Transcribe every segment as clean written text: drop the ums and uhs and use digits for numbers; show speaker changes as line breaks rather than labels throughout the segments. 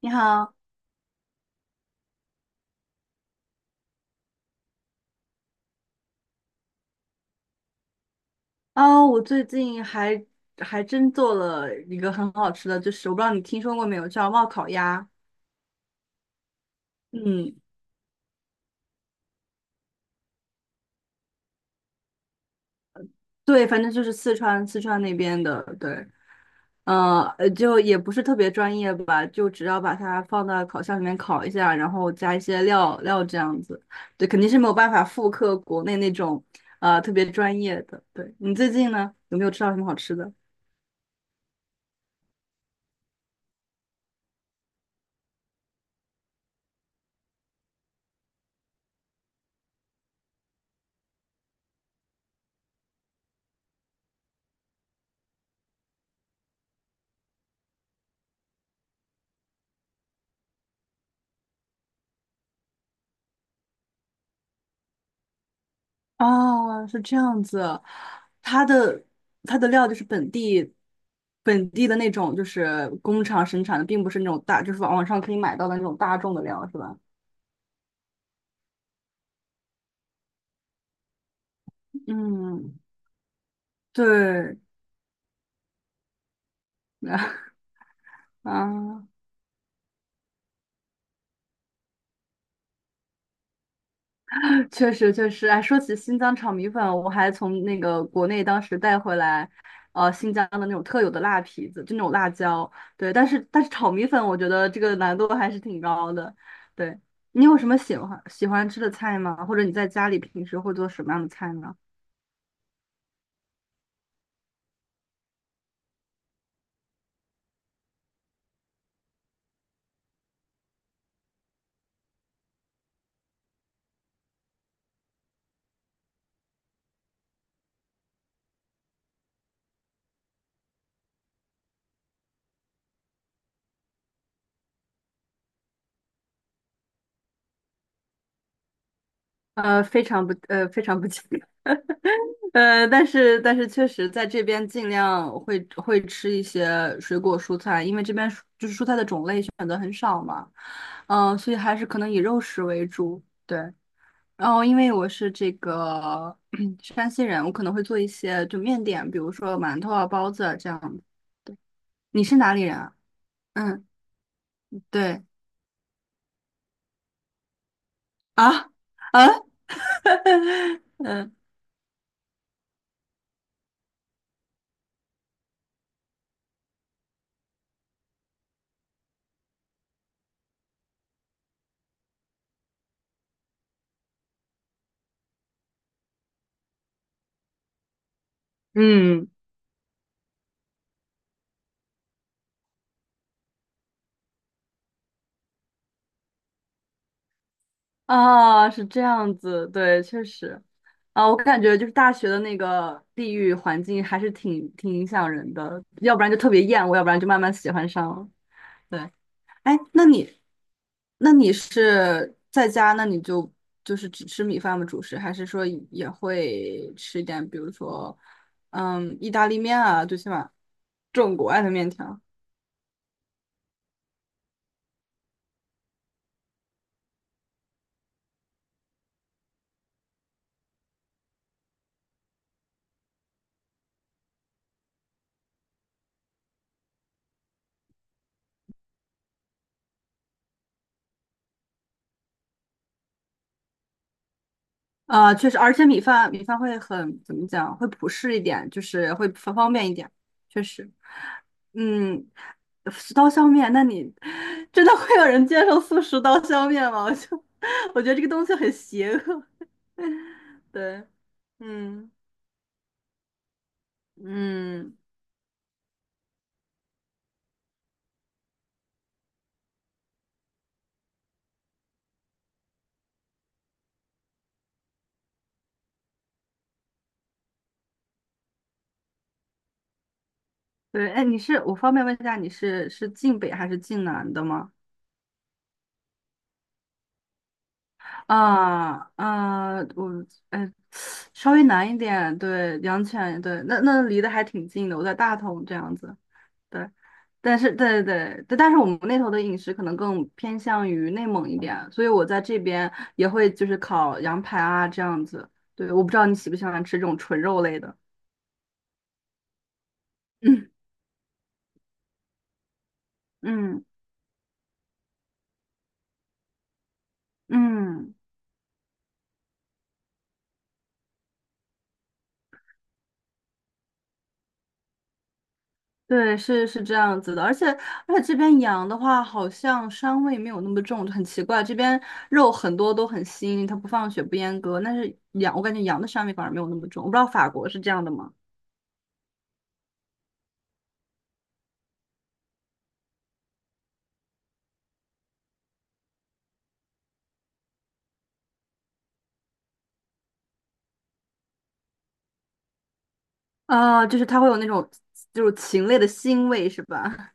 你好，啊、我最近还还真做了一个很好吃的，就是我不知道你听说过没有，叫冒烤鸭。嗯，对，反正就是四川那边的，对，就也不是特别专业吧，就只要把它放到烤箱里面烤一下，然后加一些料这样子，对，肯定是没有办法复刻国内那种特别专业的。对，你最近呢，有没有吃到什么好吃的？哦，是这样子，它的它的料就是本地的那种，就是工厂生产的，并不是那种大，就是网上可以买到的那种大众的料，是吧？嗯，对，啊，确实，哎，说起新疆炒米粉，我还从那个国内当时带回来，新疆的那种特有的辣皮子，就那种辣椒，对，但是炒米粉，我觉得这个难度还是挺高的。对，你有什么喜欢吃的菜吗？或者你在家里平时会做什么样的菜呢？非常不 健但是确实在这边尽量会吃一些水果蔬菜，因为这边蔬就是蔬菜的种类选择很少嘛，所以还是可能以肉食为主。对，然后因为我是这个 山西人，我可能会做一些就面点，比如说馒头啊、包子啊这样子。对，你是哪里人啊？嗯，对。啊，啊，嗯。嗯。啊，是这样子，对，确实，啊，我感觉就是大学的那个地域环境还是挺影响人的，要不然就特别厌恶，要不然就慢慢喜欢上了。对，哎，那你，那你是在家，那你就就是只吃米饭吗？主食，还是说也会吃一点，比如说，嗯，意大利面啊，最起码这种国外的面条。啊，确实，而且米饭会很，怎么讲，会普适一点，就是会方便一点，确实。嗯，十刀削面，那你真的会有人接受素食刀削面吗？我就 我觉得这个东西很邪恶。对，嗯，嗯，对，哎，你是我方便问一下，你是晋北还是晋南的吗？我哎，稍微南一点，对，阳泉，对，那离得还挺近的，我在大同这样子。对，但是对，但是我们那头的饮食可能更偏向于内蒙一点，所以我在这边也会就是烤羊排啊这样子。对，我不知道你喜不喜欢吃这种纯肉类的。嗯嗯嗯，对，是这样子的，而且这边羊的话，好像膻味没有那么重，就很奇怪。这边肉很多都很腥，它不放血不阉割，但是羊我感觉羊的膻味反而没有那么重。我不知道法国是这样的吗？它会有那种就是禽类的腥味是吧？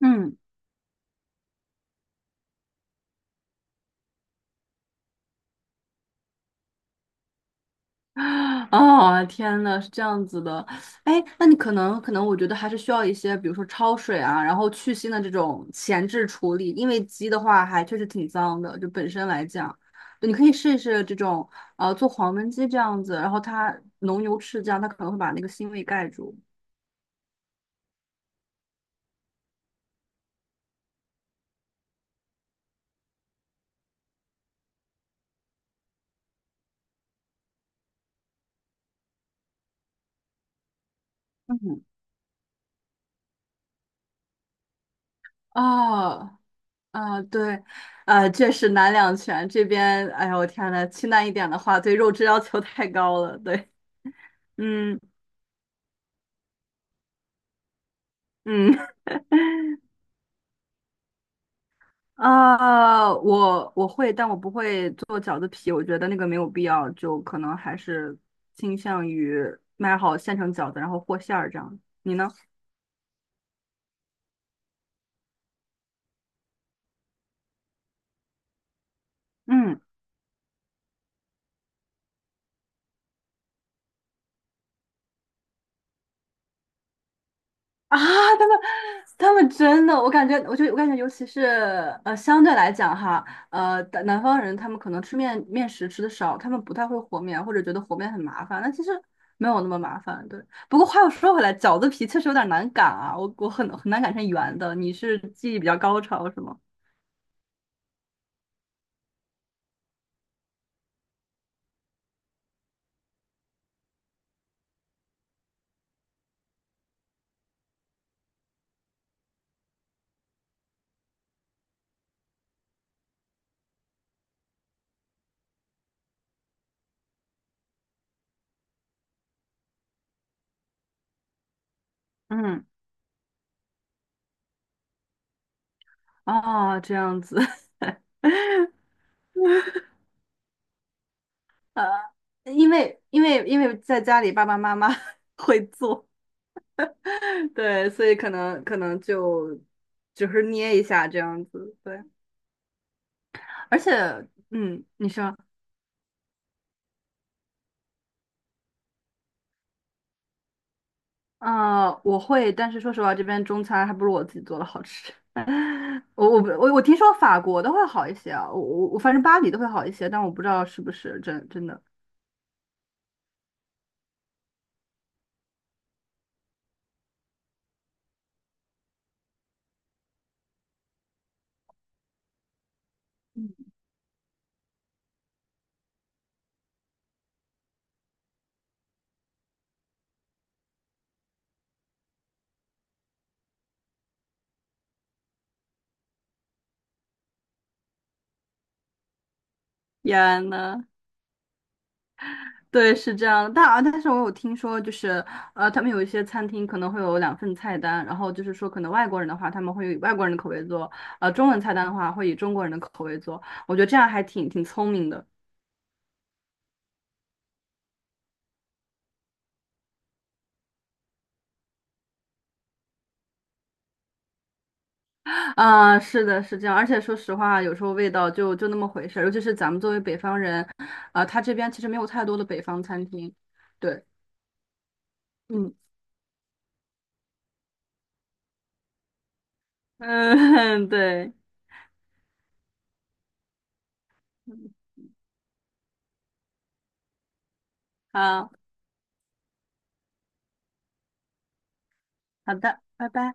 嗯，啊天呐，是这样子的，哎，那你可能，我觉得还是需要一些，比如说焯水啊，然后去腥的这种前置处理，因为鸡的话还确实挺脏的，就本身来讲，对，你可以试一试这种，做黄焖鸡这样子，然后它浓油赤酱，它可能会把那个腥味盖住。哦，啊，对，确实难两全，这边，哎呦，我天呐，清淡一点的话，对肉质要求太高了，对，嗯嗯。啊，我会，但我不会做饺子皮，我觉得那个没有必要，就可能还是倾向于买好现成饺子，然后和馅儿这样。你呢？嗯。啊，他们他们真的，我感觉，我感觉，尤其是相对来讲哈，南方人他们可能吃面食吃的少，他们不太会和面，或者觉得和面很麻烦，那其实没有那么麻烦，对。不过话又说回来，饺子皮确实有点难擀啊，我很难擀成圆的。你是技艺比较高超是吗？嗯，哦，这样子，呃，因为在家里爸爸妈妈 会做，对，所以可能就只是捏一下这样子，对，而且，嗯，你说，我会，但是说实话，这边中餐还不如我自己做的好吃。我我不我我听说法国的会好一些啊，我反正巴黎的会好一些，但我不知道是不是真的。天呐，对，是这样的，但啊，但是我有听说，就是他们有一些餐厅可能会有两份菜单，然后就是说，可能外国人的话，他们会以外国人的口味做，中文菜单的话会以中国人的口味做，我觉得这样还挺聪明的。是的，是这样，而且说实话，有时候味道就那么回事儿，尤其是咱们作为北方人，他这边其实没有太多的北方餐厅。对，嗯嗯，对，好好的，拜拜。